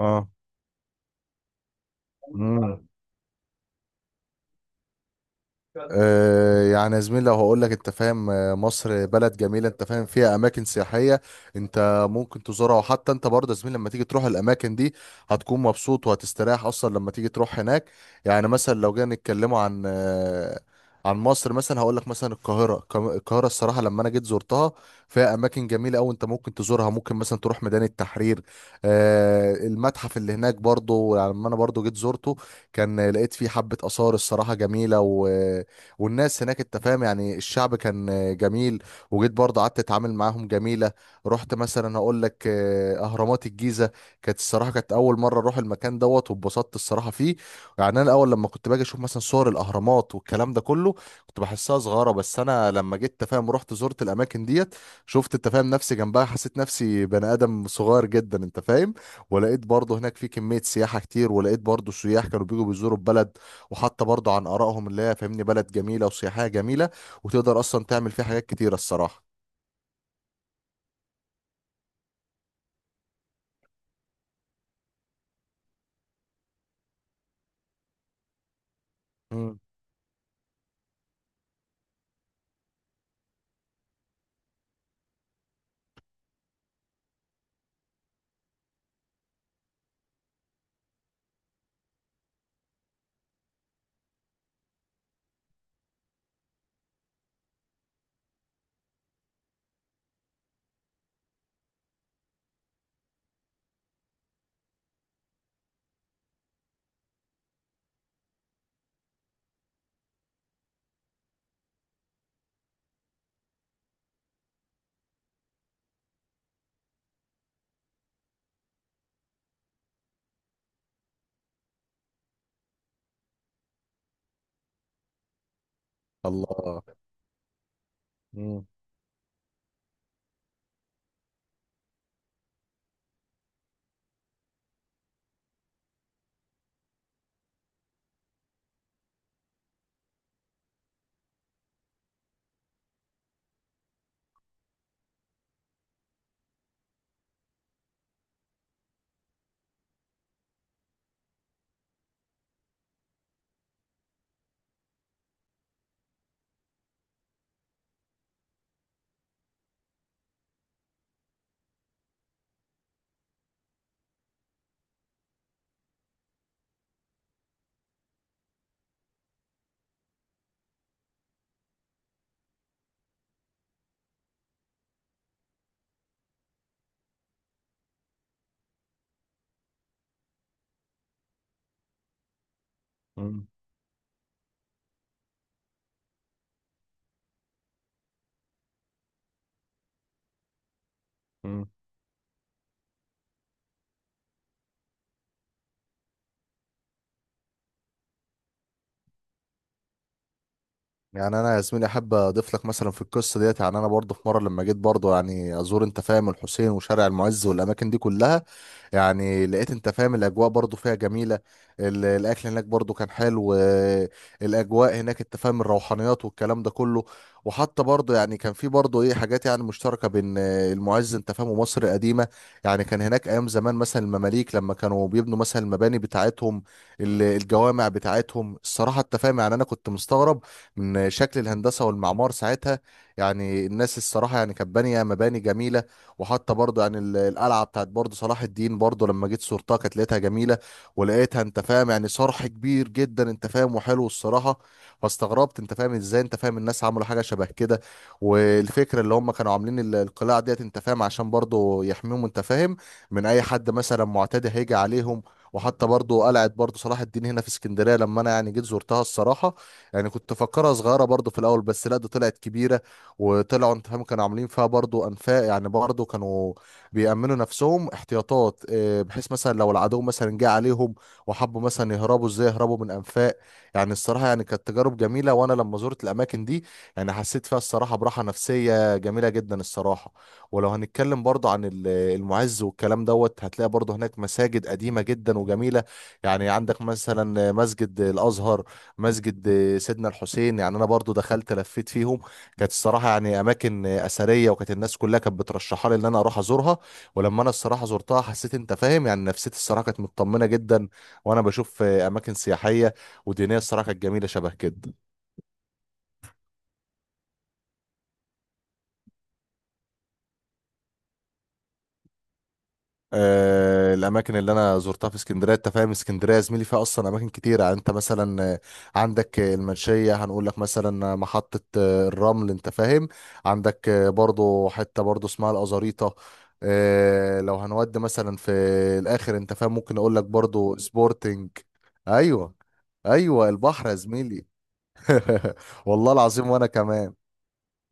اه. امم يعني يا زميلي، لو هقول لك انت فاهم، مصر بلد جميله، انت فاهم، فيها اماكن سياحيه، انت ممكن تزورها. وحتى انت برضه يا زميلي لما تيجي تروح الاماكن دي، هتكون مبسوط وهتستريح اصلا لما تيجي تروح هناك. يعني مثلا لو جينا نتكلموا عن عن مصر، مثلا هقول لك مثلا القاهره، القاهره الصراحه لما انا جيت زرتها، فيها اماكن جميله قوي، انت ممكن تزورها. ممكن مثلا تروح ميدان التحرير، المتحف اللي هناك برضه، يعني لما انا برضه جيت زرته، كان لقيت فيه حبه اثار الصراحه جميله، والناس هناك، انت فاهم يعني الشعب كان جميل، وجيت برضه قعدت اتعامل معاهم جميله. رحت مثلا هقول لك اهرامات الجيزه، كانت الصراحه كانت اول مره اروح المكان دوت، واتبسطت الصراحه فيه. يعني انا الاول لما كنت باجي اشوف مثلا صور الاهرامات والكلام ده كله، كنت بحسها صغيره. بس انا لما جيت أنت فاهم رحت زرت الاماكن ديت، شفت انت فاهم نفسي جنبها، حسيت نفسي بني ادم صغير جدا انت فاهم. ولقيت برضه هناك في كميه سياحه كتير، ولقيت برضه سياح كانوا بيجوا بيزوروا البلد، وحتى برضه عن آرائهم اللي هي فاهمني بلد جميلة وسياحية جميلة، وتقدر أصلا تعمل فيها حاجات كتيرة الصراحة. مم. الله. مم. مم. مم. يعني انا يا زميلي احب اضيف لك مثلا في القصه ديت، يعني انا برضه في مره لما جيت برضه يعني ازور انت فاهم الحسين وشارع المعز والاماكن دي كلها، يعني لقيت انت فاهم الاجواء برضه فيها جميله، الاكل هناك برضه كان حلو، الاجواء هناك انت فاهم الروحانيات والكلام ده كله. وحتى برضه يعني كان في برضه ايه حاجات يعني مشتركه بين المعز انت فاهم ومصر القديمه. يعني كان هناك ايام زمان مثلا المماليك لما كانوا بيبنوا مثلا المباني بتاعتهم، الجوامع بتاعتهم الصراحه، انت فاهم يعني انا كنت مستغرب من شكل الهندسة والمعمار ساعتها. يعني الناس الصراحة يعني كانت بانية مباني جميلة. وحتى برضه يعني القلعة بتاعت برضه صلاح الدين، برضه لما جيت صورتها كانت لقيتها جميلة، ولقيتها انت فاهم يعني صرح كبير جدا انت فاهم وحلو الصراحة. فاستغربت انت فاهم ازاي انت فاهم الناس عملوا حاجة شبه كده. والفكرة اللي هم كانوا عاملين القلاع ديت انت فاهم عشان برضه يحميهم انت فاهم من اي حد مثلا معتدي هيجي عليهم. وحتى برضه قلعة برضه صلاح الدين هنا في اسكندرية، لما انا يعني جيت زرتها الصراحة، يعني كنت فاكرها صغيرة برضو في الأول، بس لا ده طلعت كبيرة، وطلعوا أنت فاهم كانوا عاملين فيها برضو أنفاق. يعني برضو كانوا بيأمنوا نفسهم احتياطات، بحيث مثلا لو العدو مثلا جه عليهم وحبوا مثلا يهربوا، ازاي يهربوا من أنفاق. يعني الصراحة يعني كانت تجارب جميلة، وأنا لما زرت الأماكن دي، يعني حسيت فيها الصراحة براحة نفسية جميلة جدا الصراحة. ولو هنتكلم برضو عن المعز والكلام دوت، هتلاقي برضو هناك مساجد قديمة جدا وجميلة. يعني عندك مثلا مسجد الأزهر، مسجد سيدنا الحسين، يعني انا برضو دخلت لفيت فيهم، كانت الصراحه يعني اماكن اثريه، وكانت الناس كلها كانت بترشحها لي ان انا اروح ازورها. ولما انا الصراحه زرتها، حسيت انت فاهم يعني نفسيتي الصراحه كانت مطمنه جدا، وانا بشوف اماكن سياحيه ودينيه الصراحه كانت جميله شبه كده. الاماكن اللي انا زرتها في اسكندريه، انت فاهم اسكندريه يا زميلي فيها اصلا اماكن كتيره، يعني انت مثلا عندك المنشيه، هنقول لك مثلا محطه الرمل انت فاهم، عندك برضو حته برضو اسمها الازاريطه. لو هنودي مثلا في الاخر انت فاهم ممكن اقول لك برضو سبورتنج. ايوه. ايوه، البحر يا زميلي. والله العظيم وانا كمان.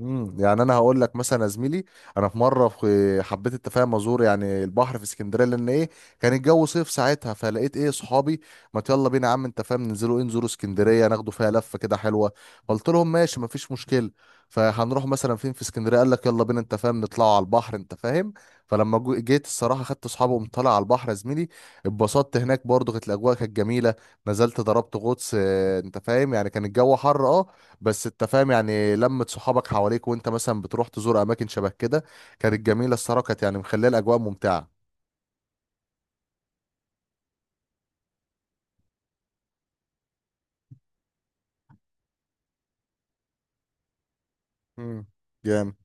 امم. يعني انا هقول لك مثلا يا زميلي، انا في مره في حبيت التفاهم ازور يعني البحر في اسكندريه، لان ايه كان الجو صيف ساعتها، فلقيت ايه صحابي، ما يلا بينا يا عم انت فاهم ننزلوا ايه نزوروا اسكندريه، ناخدوا فيها لفه كده حلوه. قلت لهم ماشي، ما فيش مشكله. فهنروح مثلا فين في اسكندريه؟ قال لك يلا بينا انت فاهم نطلعوا على البحر انت فاهم. فلما جيت الصراحه خدت اصحابي، وقمت طالع على البحر يا زميلي، اتبسطت هناك برضو، كانت الاجواء كانت جميله. نزلت ضربت غطس انت فاهم يعني كان الجو حر اه، بس انت فاهم يعني لمة صحابك حواليك وانت مثلا بتروح تزور اماكن شبه كده، كانت جميلة الصراحة، كانت يعني مخلية الاجواء ممتعة. امم. جامد.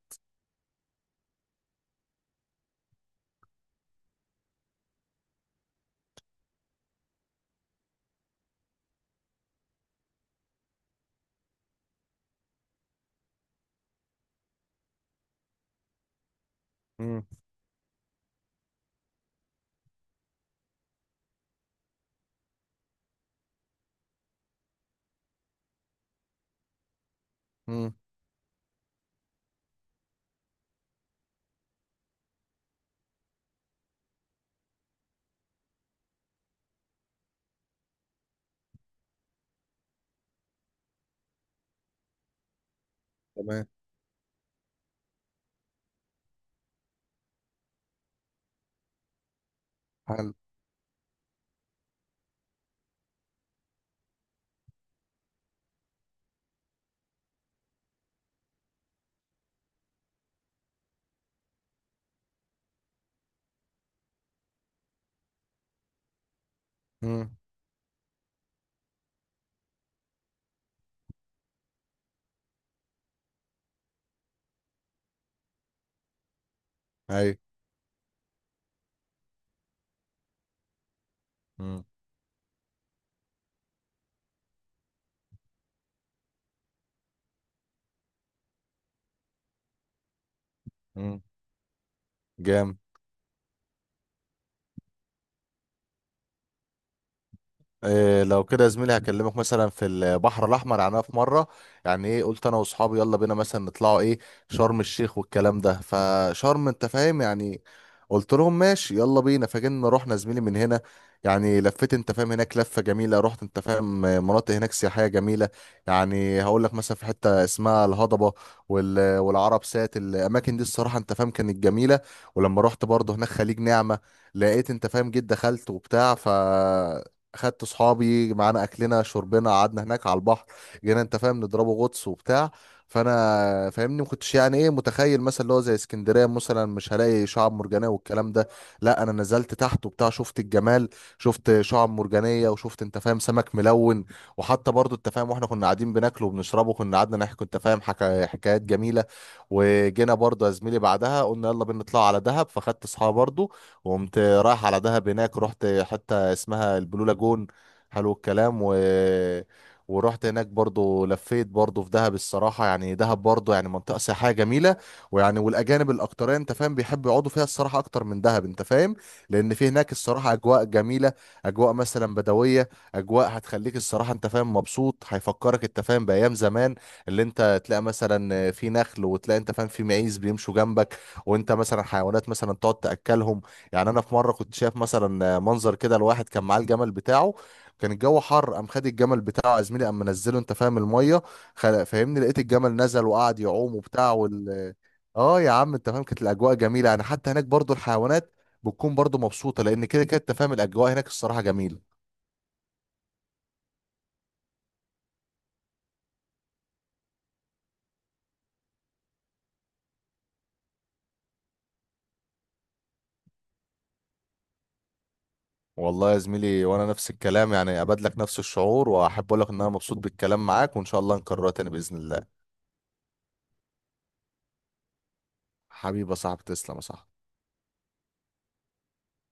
امم. مم. تمام. حلو. مم. اي. مم. مم. جامد. إيه لو كده يا زميلي هكلمك مثلا في البحر الاحمر. يعني أنا في مره يعني ايه قلت انا واصحابي يلا بينا مثلا نطلعوا ايه شرم الشيخ والكلام ده، فشرم انت فاهم يعني قلت لهم ماشي يلا بينا. فجينا رحنا زميلي من هنا، يعني لفيت انت فاهم هناك لفه جميله، رحت انت فاهم مناطق هناك سياحيه جميله. يعني هقول لك مثلا في حته اسمها الهضبه، وال- والعرب سات، الاماكن دي الصراحه انت فاهم كانت جميله. ولما رحت برضه هناك خليج نعمه، لقيت انت فاهم جيت دخلت وبتاع، ف خدت صحابي معانا اكلنا شربنا قعدنا هناك على البحر، جينا انت فاهم نضربه غطس وبتاع. فانا فاهمني ما كنتش يعني ايه متخيل مثلا اللي هو زي اسكندريه مثلا مش هلاقي شعاب مرجانيه والكلام ده، لا انا نزلت تحت وبتاع شفت الجمال، شفت شعاب مرجانيه وشفت انت فاهم سمك ملون. وحتى برضو انت فاهم واحنا كنا قاعدين بناكله وبنشربه، كنا قعدنا نحكي انت فاهم حكايات جميله. وجينا برضو يا زميلي بعدها قلنا يلا بينا نطلع على دهب، فخدت اصحابي برضو وقمت رايح على دهب، هناك رحت حتة اسمها البلو لاجون، حلو الكلام. ورحت هناك برضو لفيت برضو في دهب، الصراحة يعني دهب برضو يعني منطقة سياحية جميلة. ويعني والأجانب الأكترية أنت فاهم بيحبوا يقعدوا فيها الصراحة أكتر من دهب أنت فاهم، لأن في هناك الصراحة أجواء جميلة، أجواء مثلا بدوية، أجواء هتخليك الصراحة أنت فاهم مبسوط، هيفكرك أنت فاهم بأيام زمان، اللي أنت تلاقي مثلا في نخل، وتلاقي أنت فاهم في معيز بيمشوا جنبك، وأنت مثلا حيوانات مثلا تقعد تأكلهم. يعني انا في مره كنت شايف مثلا منظر كده الواحد كان معاه الجمل بتاعه، كان الجو حر، قام خد الجمل بتاعه يا زميلي قام منزله انت فاهم الميه، فاهمني لقيت الجمل نزل وقعد يعوم وبتاع وال. اه يا عم انت فاهم كانت الاجواء جميله، يعني حتى هناك برضو الحيوانات بتكون برضو مبسوطه، لان كده كده انت فاهم الاجواء هناك الصراحه جميله. والله يا زميلي وانا نفس الكلام، يعني اباد لك نفس الشعور، واحب اقول لك ان انا مبسوط بالكلام معاك، وان شاء الله نكررها تاني باذن الله. حبيبي يا صاحبي، تسلم يا صاحبي.